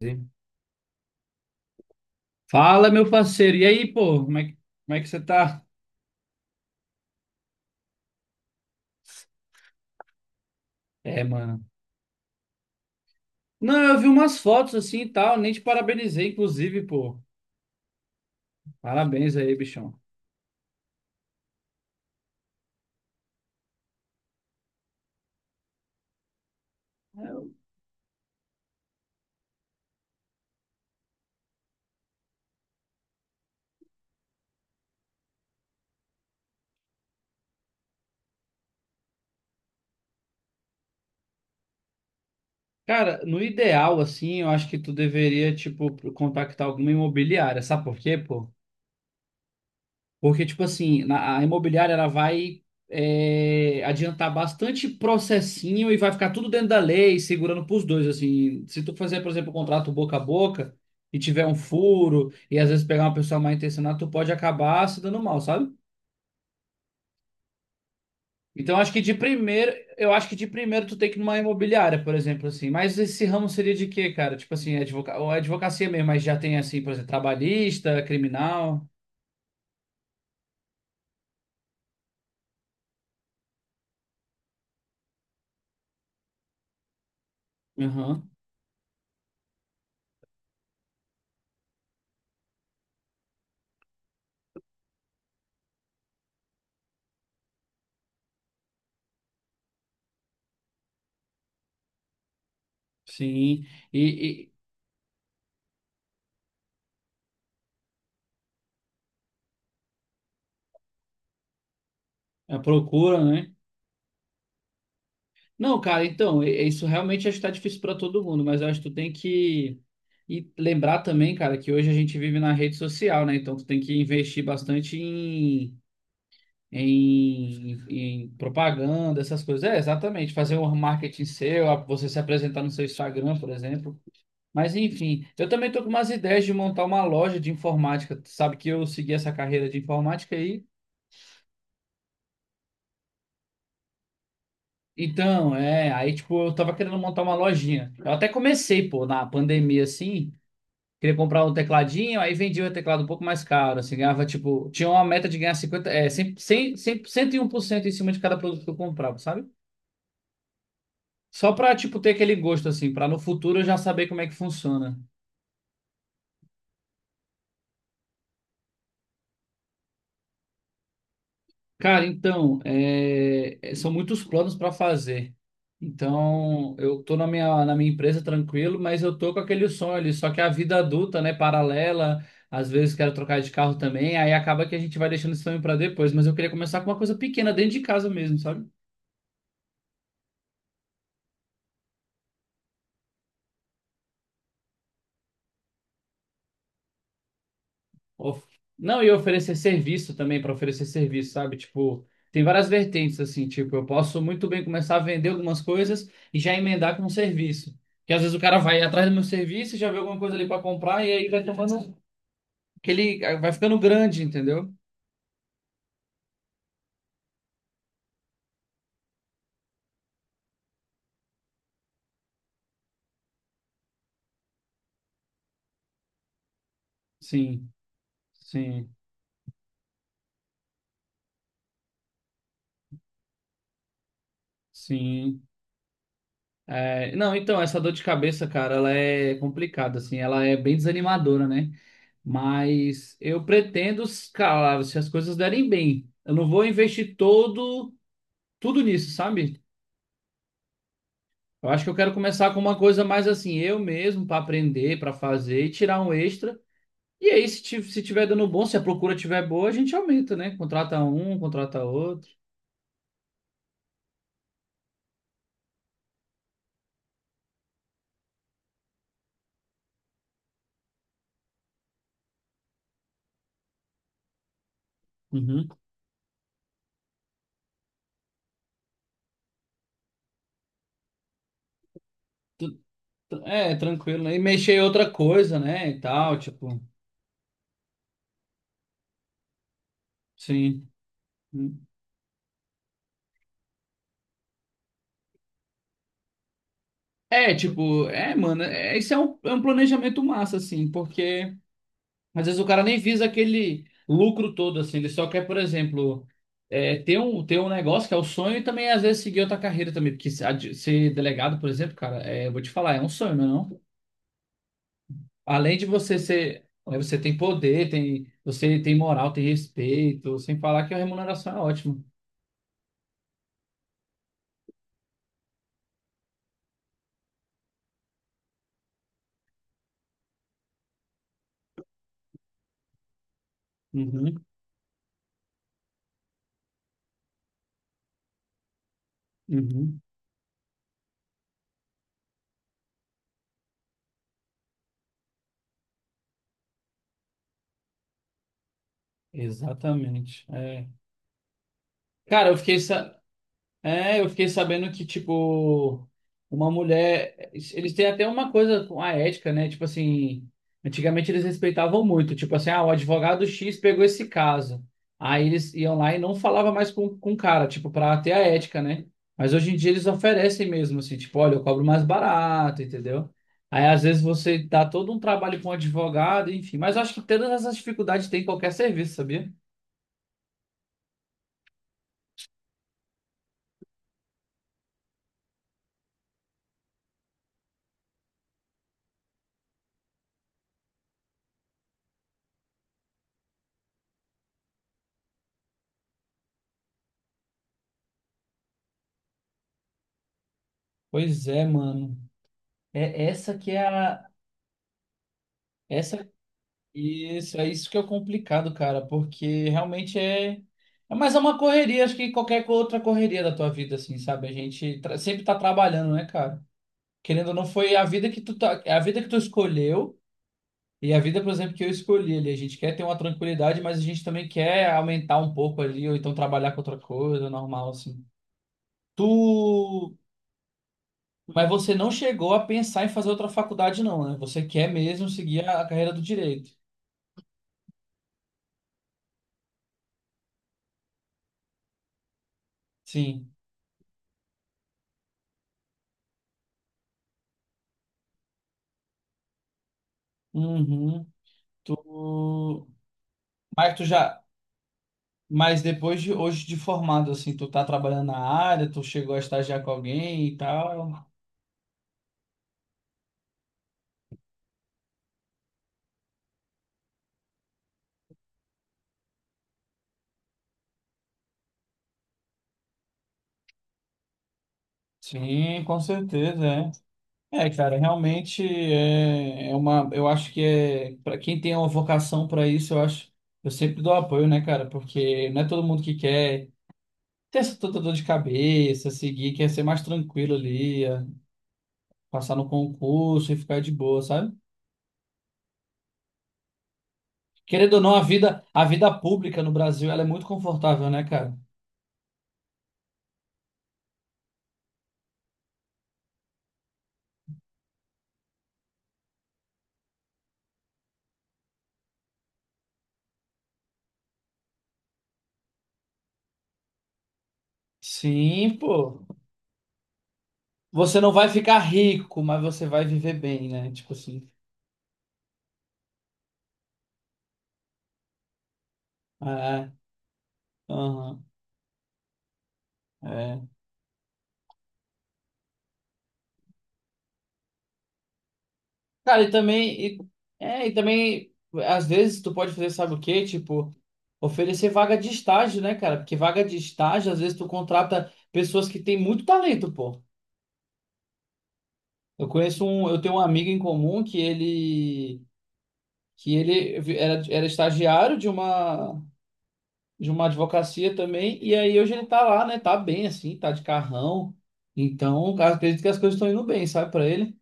Sim. Fala, meu parceiro. E aí, pô, como é que você tá? É, mano. Não, eu vi umas fotos assim e tal, nem te parabenizei, inclusive, pô. Parabéns aí, bichão. Cara, no ideal, assim, eu acho que tu deveria, tipo, contactar alguma imobiliária. Sabe por quê, pô? Porque, tipo assim, a imobiliária ela vai adiantar bastante processinho e vai ficar tudo dentro da lei, segurando pros dois, assim. Se tu fazer, por exemplo, um contrato boca a boca e tiver um furo e às vezes pegar uma pessoa mal intencionada, tu pode acabar se dando mal, sabe? Então, acho que de primeiro, eu acho que de primeiro tu tem que ir numa imobiliária, por exemplo, assim. Mas esse ramo seria de quê, cara? Tipo assim, ou advocacia mesmo, mas já tem assim, por exemplo, trabalhista, criminal. Aham, sim. E a procura, né? Não, cara, então, e isso realmente acho que tá difícil para todo mundo, mas eu acho que tu tem que lembrar também, cara, que hoje a gente vive na rede social, né? Então tu tem que investir bastante em propaganda, essas coisas. É, exatamente, fazer um marketing seu, você se apresentar no seu Instagram, por exemplo. Mas enfim, eu também tô com umas ideias de montar uma loja de informática. Tu sabe que eu segui essa carreira de informática aí. Então, é, aí tipo, eu tava querendo montar uma lojinha. Eu até comecei, pô, na pandemia assim, queria comprar um tecladinho, aí vendia o teclado um pouco mais caro, assim, ganhava, tipo, tinha uma meta de ganhar 50, é, cem, 101% em cima de cada produto que eu comprava, sabe? Só pra, tipo, ter aquele gosto, assim, pra no futuro eu já saber como é que funciona. Cara, então, são muitos planos pra fazer. Então, eu tô na minha empresa tranquilo, mas eu tô com aquele sonho ali, só que a vida adulta, né, paralela, às vezes quero trocar de carro também, aí acaba que a gente vai deixando esse sonho pra depois, mas eu queria começar com uma coisa pequena, dentro de casa mesmo, sabe? Of- Não, e oferecer serviço também, para oferecer serviço, sabe? Tipo, tem várias vertentes, assim, tipo, eu posso muito bem começar a vender algumas coisas e já emendar com um serviço. Porque às vezes o cara vai atrás do meu serviço, e já vê alguma coisa ali para comprar e aí vai tomando, aquele, vai ficando grande, entendeu? Sim, sim, sim. É, não, então, essa dor de cabeça, cara, ela é complicada, assim, ela é bem desanimadora, né? Mas eu pretendo, cara, se as coisas derem bem. Eu não vou investir todo tudo nisso, sabe? Eu acho que eu quero começar com uma coisa mais assim, eu mesmo, para aprender, para fazer e tirar um extra. E aí, se tiver dando bom, se a procura tiver boa, a gente aumenta, né? Contrata um, contrata outro. Uhum. É, tranquilo, né? E mexer em outra coisa, né? E tal, tipo, sim. É, tipo, é, mano, é, isso é é um planejamento massa, assim, porque. Às vezes o cara nem visa aquele lucro todo, assim, ele só quer, por exemplo, é, ter um negócio que é o sonho e também às vezes seguir outra carreira também, porque ser delegado, por exemplo, cara, é, eu vou te falar, é um sonho, não? É não? Além de você ser, é, você tem poder, tem, você tem moral, tem respeito, sem falar que a remuneração é ótima. Uhum, uhum, exatamente. É. Cara, eu fiquei, É, eu fiquei sabendo que, tipo, uma mulher. Eles têm até uma coisa com a ética, né? Tipo assim, antigamente eles respeitavam muito. Tipo assim, ah, o advogado X pegou esse caso. Aí eles iam lá e não falava mais com o cara, tipo, pra ter a ética, né? Mas hoje em dia eles oferecem mesmo, assim, tipo, olha, eu cobro mais barato, entendeu? Aí às vezes você dá todo um trabalho com um advogado, enfim. Mas eu acho que todas essas dificuldades tem em qualquer serviço, sabia? Pois é, mano. É essa que é a. Essa Isso, é isso que é o complicado, cara, porque realmente é. É mais uma correria, acho que qualquer outra correria da tua vida, assim, sabe? A gente sempre tá trabalhando, né, cara? Querendo ou não, foi a vida que tu tá... é a vida que tu escolheu e a vida, por exemplo, que eu escolhi ali. A gente quer ter uma tranquilidade, mas a gente também quer aumentar um pouco ali, ou então trabalhar com outra coisa, normal, assim. Tu. Mas você não chegou a pensar em fazer outra faculdade, não, né? Você quer mesmo seguir a carreira do direito. Sim. Uhum. Mas tu já, mas depois de hoje de formado, assim, tu tá trabalhando na área, tu chegou a estagiar com alguém e tal. Sim, com certeza, é. É, cara, realmente é, é uma. Eu acho que é, para quem tem uma vocação para isso, eu acho. Eu sempre dou apoio, né, cara? Porque não é todo mundo que quer ter essa toda dor de cabeça, seguir, quer ser mais tranquilo ali, é, passar no concurso e ficar de boa, sabe? Querendo ou não, a vida pública no Brasil, ela é muito confortável, né, cara? Sim, pô. Você não vai ficar rico, mas você vai viver bem, né? Tipo assim. É, aham, é. Cara, e também, e, é, e também, às vezes tu pode fazer, sabe o quê? Tipo, oferecer vaga de estágio, né, cara? Porque vaga de estágio, às vezes tu contrata pessoas que têm muito talento, pô. Eu tenho um amigo em comum que ele era, era estagiário de uma advocacia também, e aí hoje ele tá lá, né? Tá bem assim, tá de carrão. Então, cara, acredito que as coisas estão indo bem, sabe, pra ele.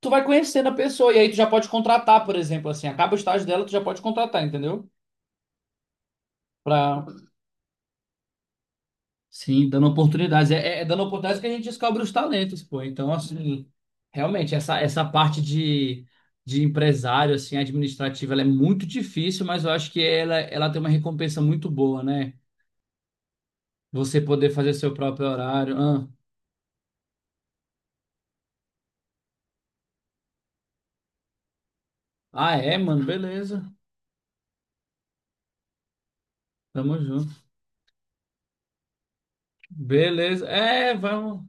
Tu vai conhecendo a pessoa, e aí tu já pode contratar, por exemplo, assim, acaba o estágio dela, tu já pode contratar, entendeu? Pra... Sim, dando oportunidades. É dando oportunidades que a gente descobre os talentos, pô. Então, assim, realmente, essa parte de empresário, assim, administrativa, ela é muito difícil, mas eu acho que ela tem uma recompensa muito boa, né? Você poder fazer seu próprio horário. Ah. Ah, é, mano, beleza. Tamo junto. Beleza. É, vamos,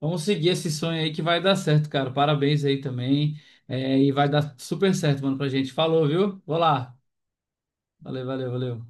vamos seguir esse sonho aí que vai dar certo, cara. Parabéns aí também. É, e vai dar super certo, mano, pra gente. Falou, viu? Vou lá. Valeu, valeu, valeu.